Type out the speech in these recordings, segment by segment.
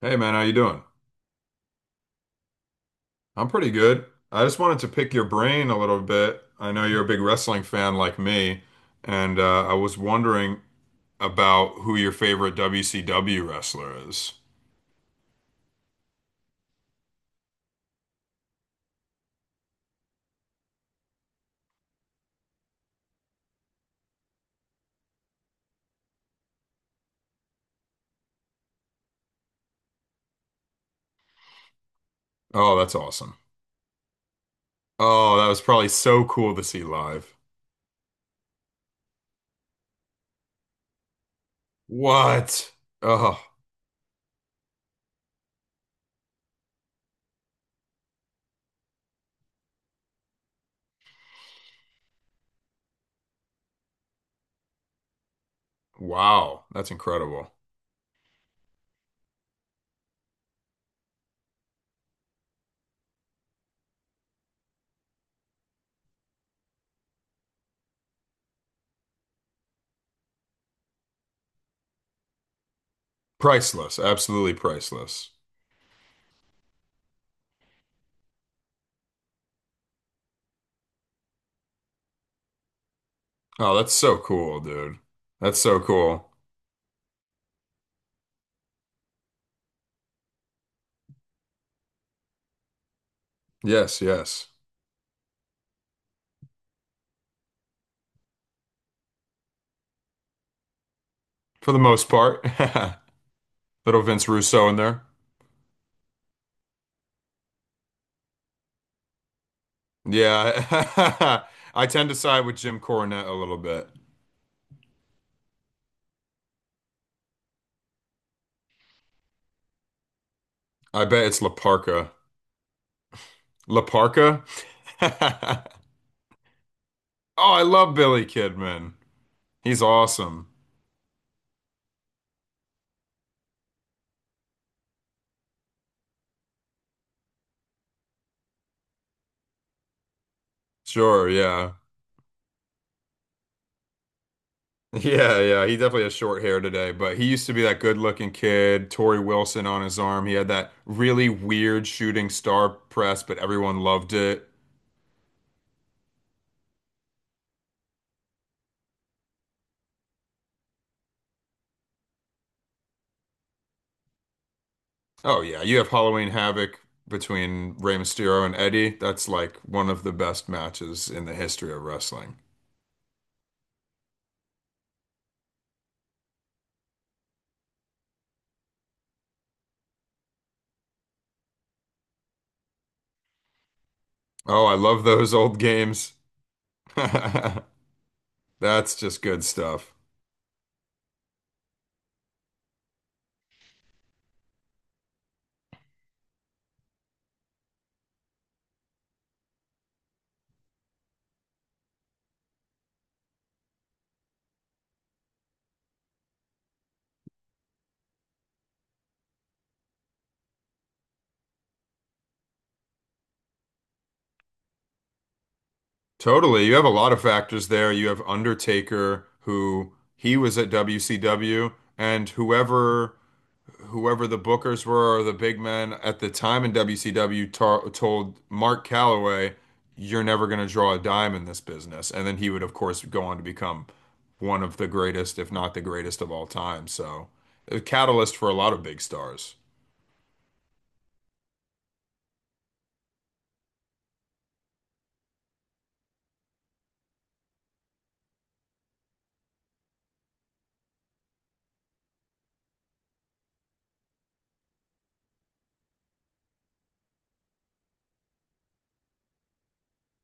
Hey man, how you doing? I'm pretty good. I just wanted to pick your brain a little bit. I know you're a big wrestling fan like me, and I was wondering about who your favorite WCW wrestler is. Oh, that's awesome. Oh, that was probably so cool to see live. What? Oh, wow. That's incredible. Priceless. Absolutely priceless. Oh, that's so cool, dude. That's so cool. Yes, yes. For the most part. Little Vince Russo in there. Yeah, I tend to side with Jim Cornette a little bit. I bet it's Laparca. Laparca? Oh, I love Billy Kidman. He's awesome. Sure, yeah. Yeah, yeah. He definitely has short hair today, but he used to be that good-looking kid, Tori Wilson on his arm. He had that really weird shooting star press, but everyone loved it. Oh, yeah. You have Halloween Havoc between Rey Mysterio and Eddie. That's like one of the best matches in the history of wrestling. Oh, I love those old games. That's just good stuff. Totally. You have a lot of factors there. You have Undertaker, who he was at WCW, and whoever the bookers were or the big men at the time in WCW tar told Mark Calloway, "You're never going to draw a dime in this business." And then he would, of course, go on to become one of the greatest, if not the greatest of all time. So, a catalyst for a lot of big stars.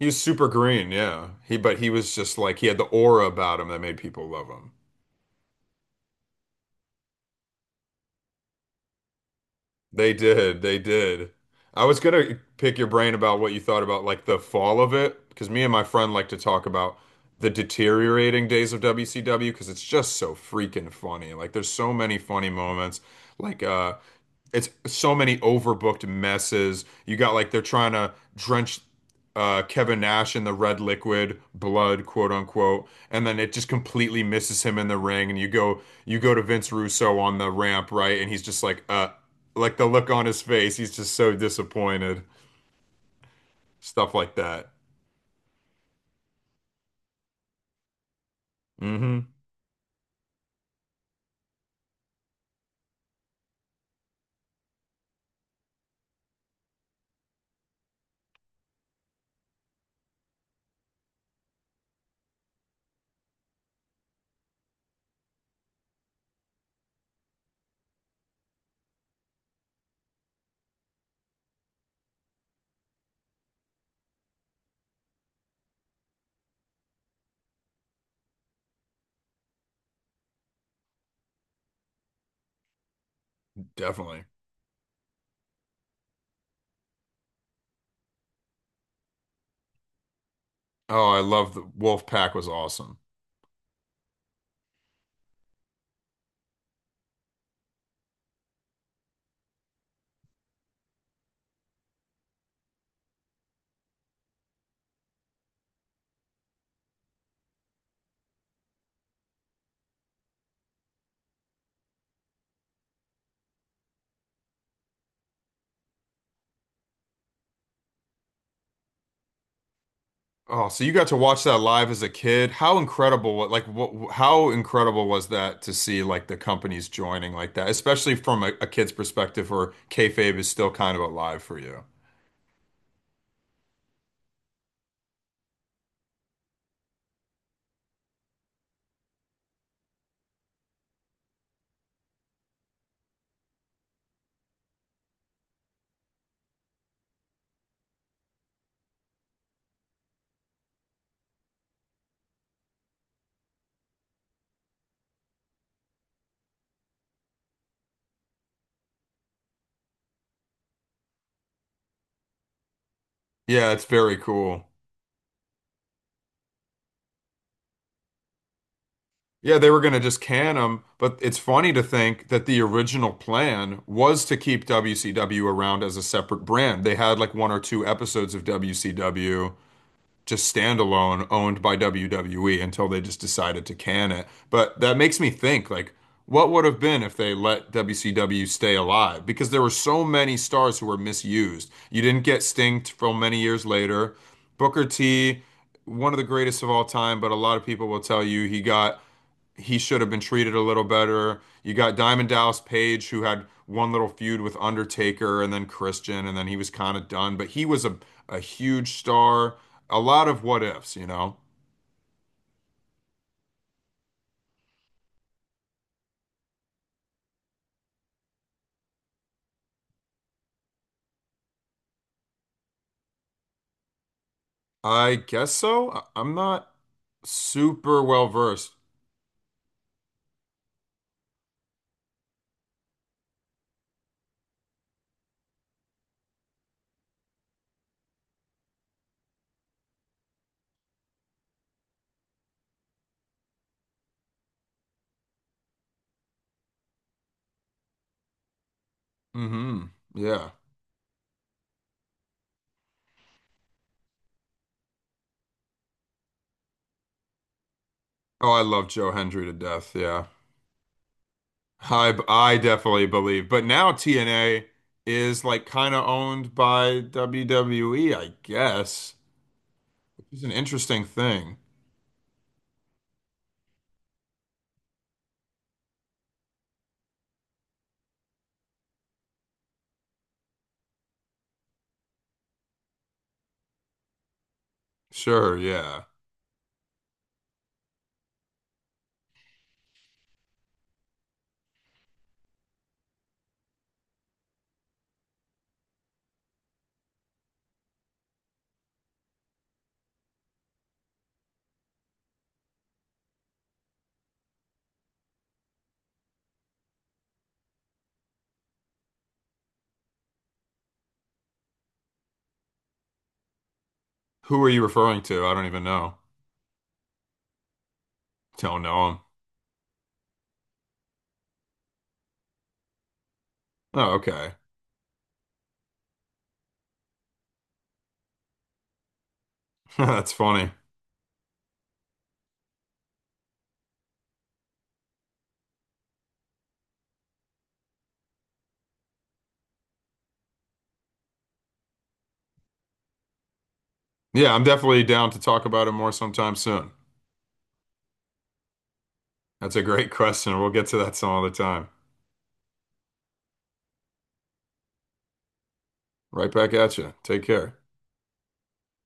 He was super green, yeah. He but he was just like he had the aura about him that made people love him. They did. They did. I was gonna pick your brain about what you thought about like the fall of it, because me and my friend like to talk about the deteriorating days of WCW because it's just so freaking funny. Like there's so many funny moments. Like it's so many overbooked messes. You got like they're trying to drench Kevin Nash in the red liquid blood, quote unquote, and then it just completely misses him in the ring. And you go to Vince Russo on the ramp, right? And he's just like the look on his face. He's just so disappointed. Stuff like that. Hmm. Definitely. Oh, I love the Wolf Pack was awesome. Oh, so you got to watch that live as a kid. How incredible, like what, how incredible was that to see like the companies joining like that, especially from a kid's perspective where kayfabe is still kind of alive for you. Yeah, it's very cool. Yeah, they were going to just can him, but it's funny to think that the original plan was to keep WCW around as a separate brand. They had like one or two episodes of WCW just standalone, owned by WWE until they just decided to can it. But that makes me think like what would have been if they let WCW stay alive? Because there were so many stars who were misused. You didn't get Sting till many years later. Booker T, one of the greatest of all time, but a lot of people will tell you he should have been treated a little better. You got Diamond Dallas Page, who had one little feud with Undertaker and then Christian, and then he was kind of done, but a huge star. A lot of what ifs, you know? I guess so. I- am not super well versed. Hmm. Yeah. Oh, I love Joe Hendry to death. Yeah. I definitely believe. But now TNA is like kind of owned by WWE, I guess, which is an interesting thing. Sure, yeah. Who are you referring to? I don't even know. Don't know him. Oh, okay. That's funny. Yeah, I'm definitely down to talk about it more sometime soon. That's a great question. We'll get to that some other time. Right back at you. Take care.